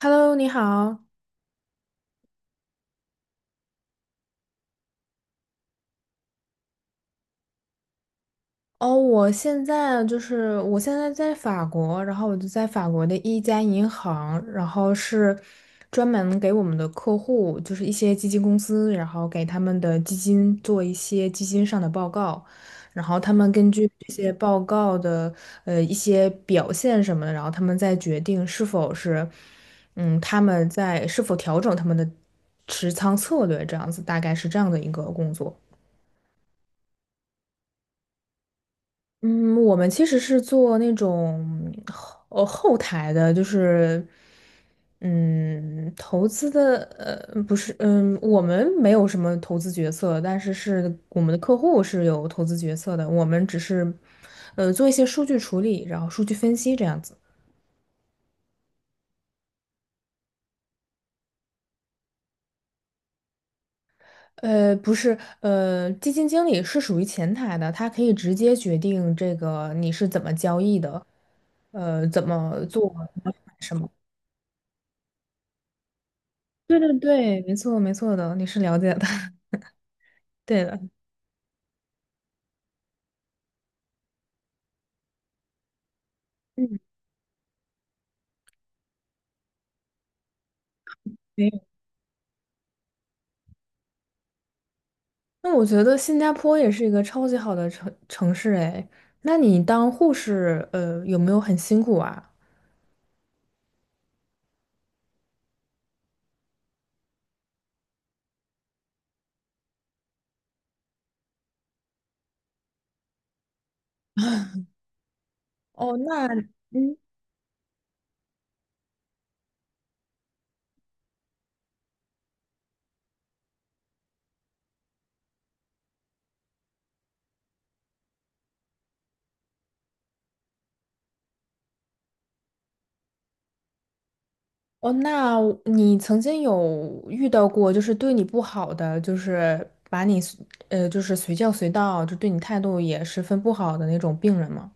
Hello，你好。哦，我现在在法国，然后我就在法国的一家银行，然后是专门给我们的客户，就是一些基金公司，然后给他们的基金做一些基金上的报告，然后他们根据这些报告的一些表现什么的，然后他们再决定是否是嗯他们在是否调整他们的持仓策略，这样子大概是这样的一个工作。嗯，我们其实是做那种后台的，就是投资的不是，我们没有什么投资决策，但是我们的客户是有投资决策的，我们只是做一些数据处理，然后数据分析这样子。不是，基金经理是属于前台的，他可以直接决定这个你是怎么交易的，怎么做。什么。对对对，没错没错的，你是了解的，对的，嗯，没有。那我觉得新加坡也是一个超级好的城市哎。那你当护士，有没有很辛苦啊？哦，那嗯，哦，那你曾经有遇到过就是对你不好的，就是把你就是随叫随到，就对你态度也十分不好的那种病人吗？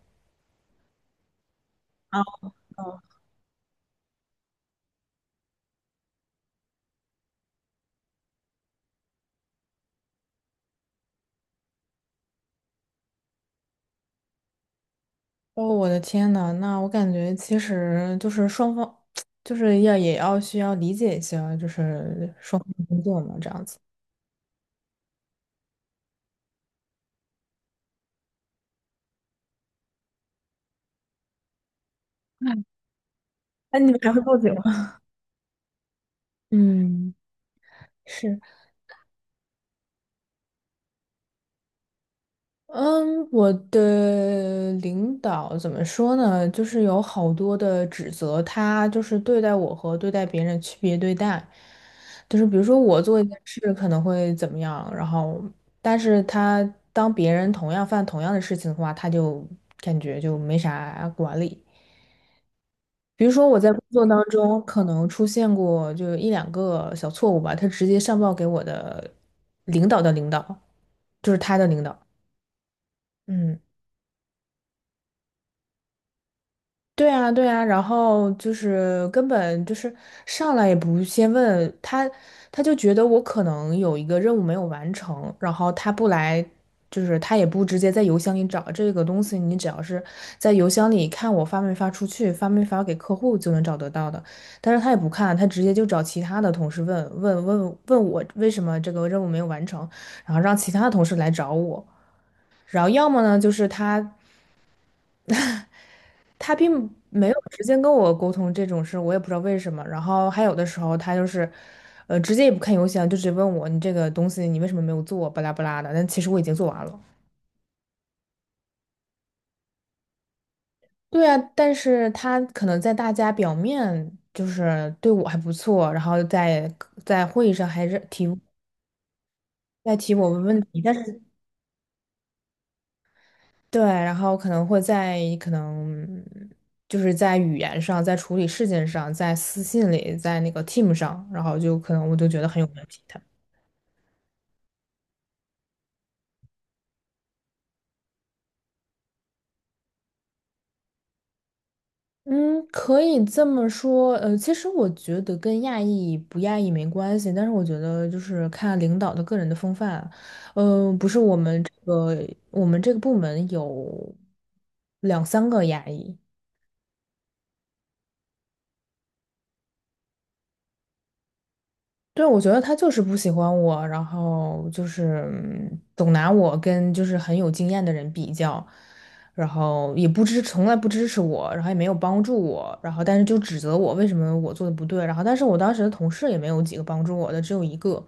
哦，我的天呐，那我感觉其实就是双方，就是要也要需要理解一下，就是双方的工作嘛，这样子。哎，你们还会报警吗？嗯，是。嗯，我的领导怎么说呢？就是有好多的指责，他就是对待我和对待别人区别对待，就是比如说我做一件事可能会怎么样，然后但是他当别人同样犯同样的事情的话，他就感觉就没啥管理。比如说我在工作当中可能出现过就一两个小错误吧，他直接上报给我的领导的领导，就是他的领导，嗯。对啊，对啊，然后就是根本就是上来也不先问他，他就觉得我可能有一个任务没有完成，然后他不来，就是他也不直接在邮箱里找这个东西，你只要是在邮箱里看我发没发出去，发没发给客户就能找得到的，但是他也不看，他直接就找其他的同事问问我为什么这个任务没有完成，然后让其他的同事来找我。然后要么呢，就是他并没有直接跟我沟通这种事，我也不知道为什么。然后还有的时候他就是，直接也不看邮箱，就直接问我你这个东西你为什么没有做，巴拉巴拉的。但其实我已经做完了。对啊，但是他可能在大家表面就是对我还不错，然后在会议上还是在提我问问题，但是对，然后可能就是在语言上，在处理事件上，在私信里，在那个 team 上，然后就可能我就觉得很有问题。嗯，可以这么说。其实我觉得跟亚裔不亚裔没关系，但是我觉得就是看领导的个人的风范。嗯，不是我们这个部门有两三个亚裔，对，我觉得他就是不喜欢我，然后就是总拿我跟就是很有经验的人比较，然后也不支，从来不支持我，然后也没有帮助我，然后但是就指责我为什么我做的不对，然后但是我当时的同事也没有几个帮助我的，只有一个。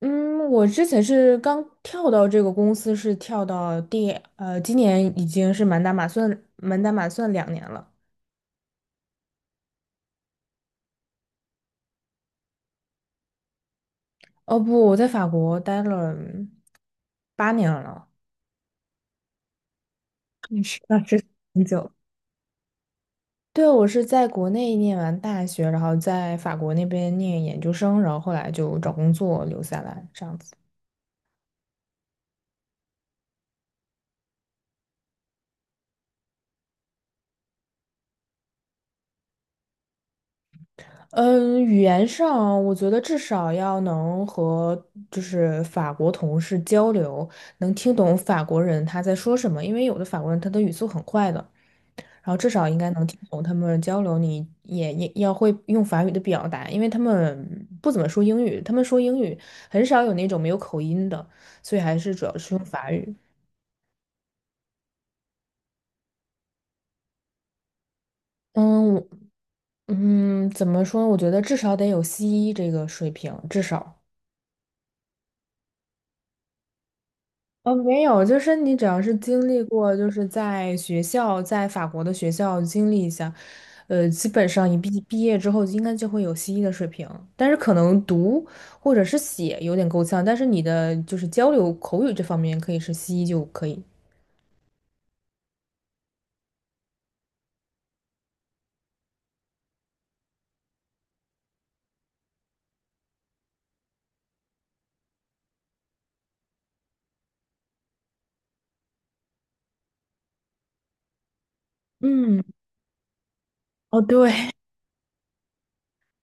嗯，我之前是刚跳到这个公司，是跳到第呃，今年已经是满打满算2年了。哦不，我在法国待了8年了，那是很久。对，我是在国内念完大学，然后在法国那边念研究生，然后后来就找工作留下来，这样子。嗯，语言上我觉得至少要能和就是法国同事交流，能听懂法国人他在说什么，因为有的法国人他的语速很快的，然后至少应该能听懂他们交流。你也要会用法语的表达，因为他们不怎么说英语，他们说英语很少有那种没有口音的，所以还是主要是用法语。嗯，嗯，怎么说？我觉得至少得有西医这个水平，至少。哦，没有，就是你只要是经历过，就是在学校，在法国的学校经历一下，基本上你毕业之后应该就会有西医的水平，但是可能读或者是写有点够呛，但是你的就是交流口语这方面可以是西医就可以。嗯，哦，对。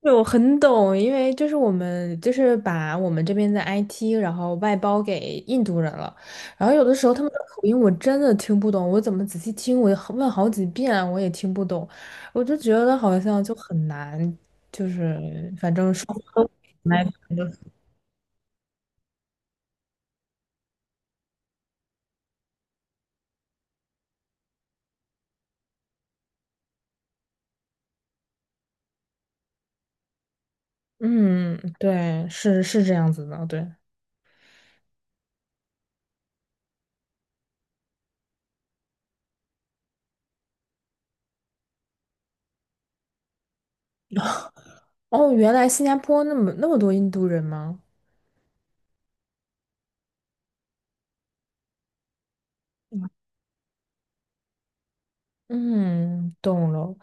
对，我很懂，因为就是我们就是把我们这边的 IT，然后外包给印度人了，然后有的时候他们的口音我真的听不懂，我怎么仔细听，我也好问好几遍啊我也听不懂，我就觉得好像就很难，就是反正来嗯，对，是是这样子的，对。哦，原来新加坡那么那么多印度人吗？嗯，懂了。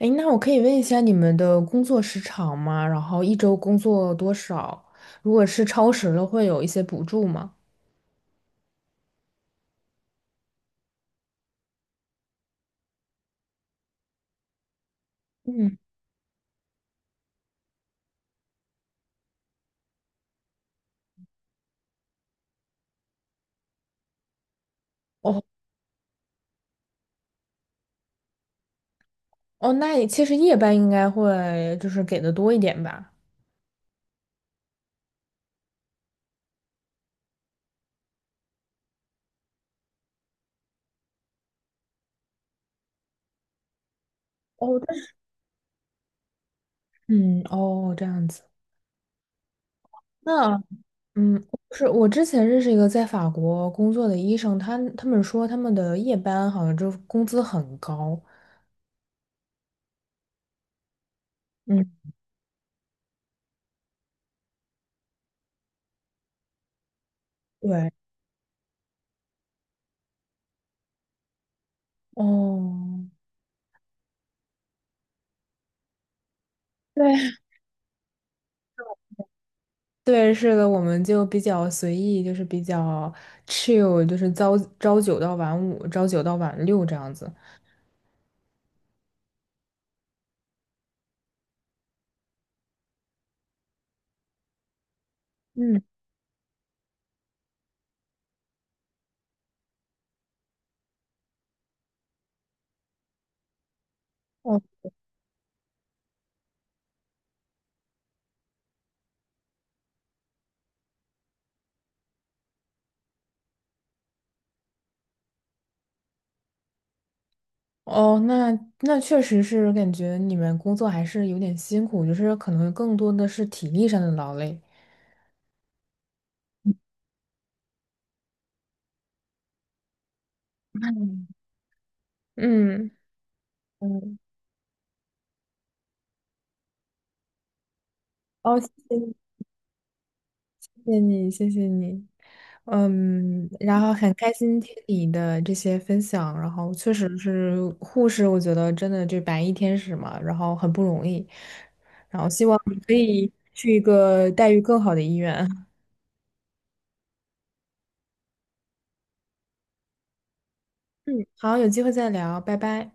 哎，那我可以问一下你们的工作时长吗？然后一周工作多少？如果是超时了，会有一些补助吗？嗯，哦哦，那其实夜班应该会就是给的多一点吧。哦，但是嗯，哦，这样子。那嗯，是我之前认识一个在法国工作的医生，他们说他们的夜班好像就工资很高。嗯，对，哦。对。对，是的，我们就比较随意，就是比较 chill，就是朝九到晚五，朝九到晚六这样子。嗯，哦，哦，那确实是感觉你们工作还是有点辛苦，就是可能更多的是体力上的劳累。嗯，嗯，嗯哦，谢谢你，谢谢你。嗯，然后很开心听你的这些分享，然后确实是护士，我觉得真的就白衣天使嘛，然后很不容易，然后希望你可以去一个待遇更好的医院。嗯，好，有机会再聊，拜拜。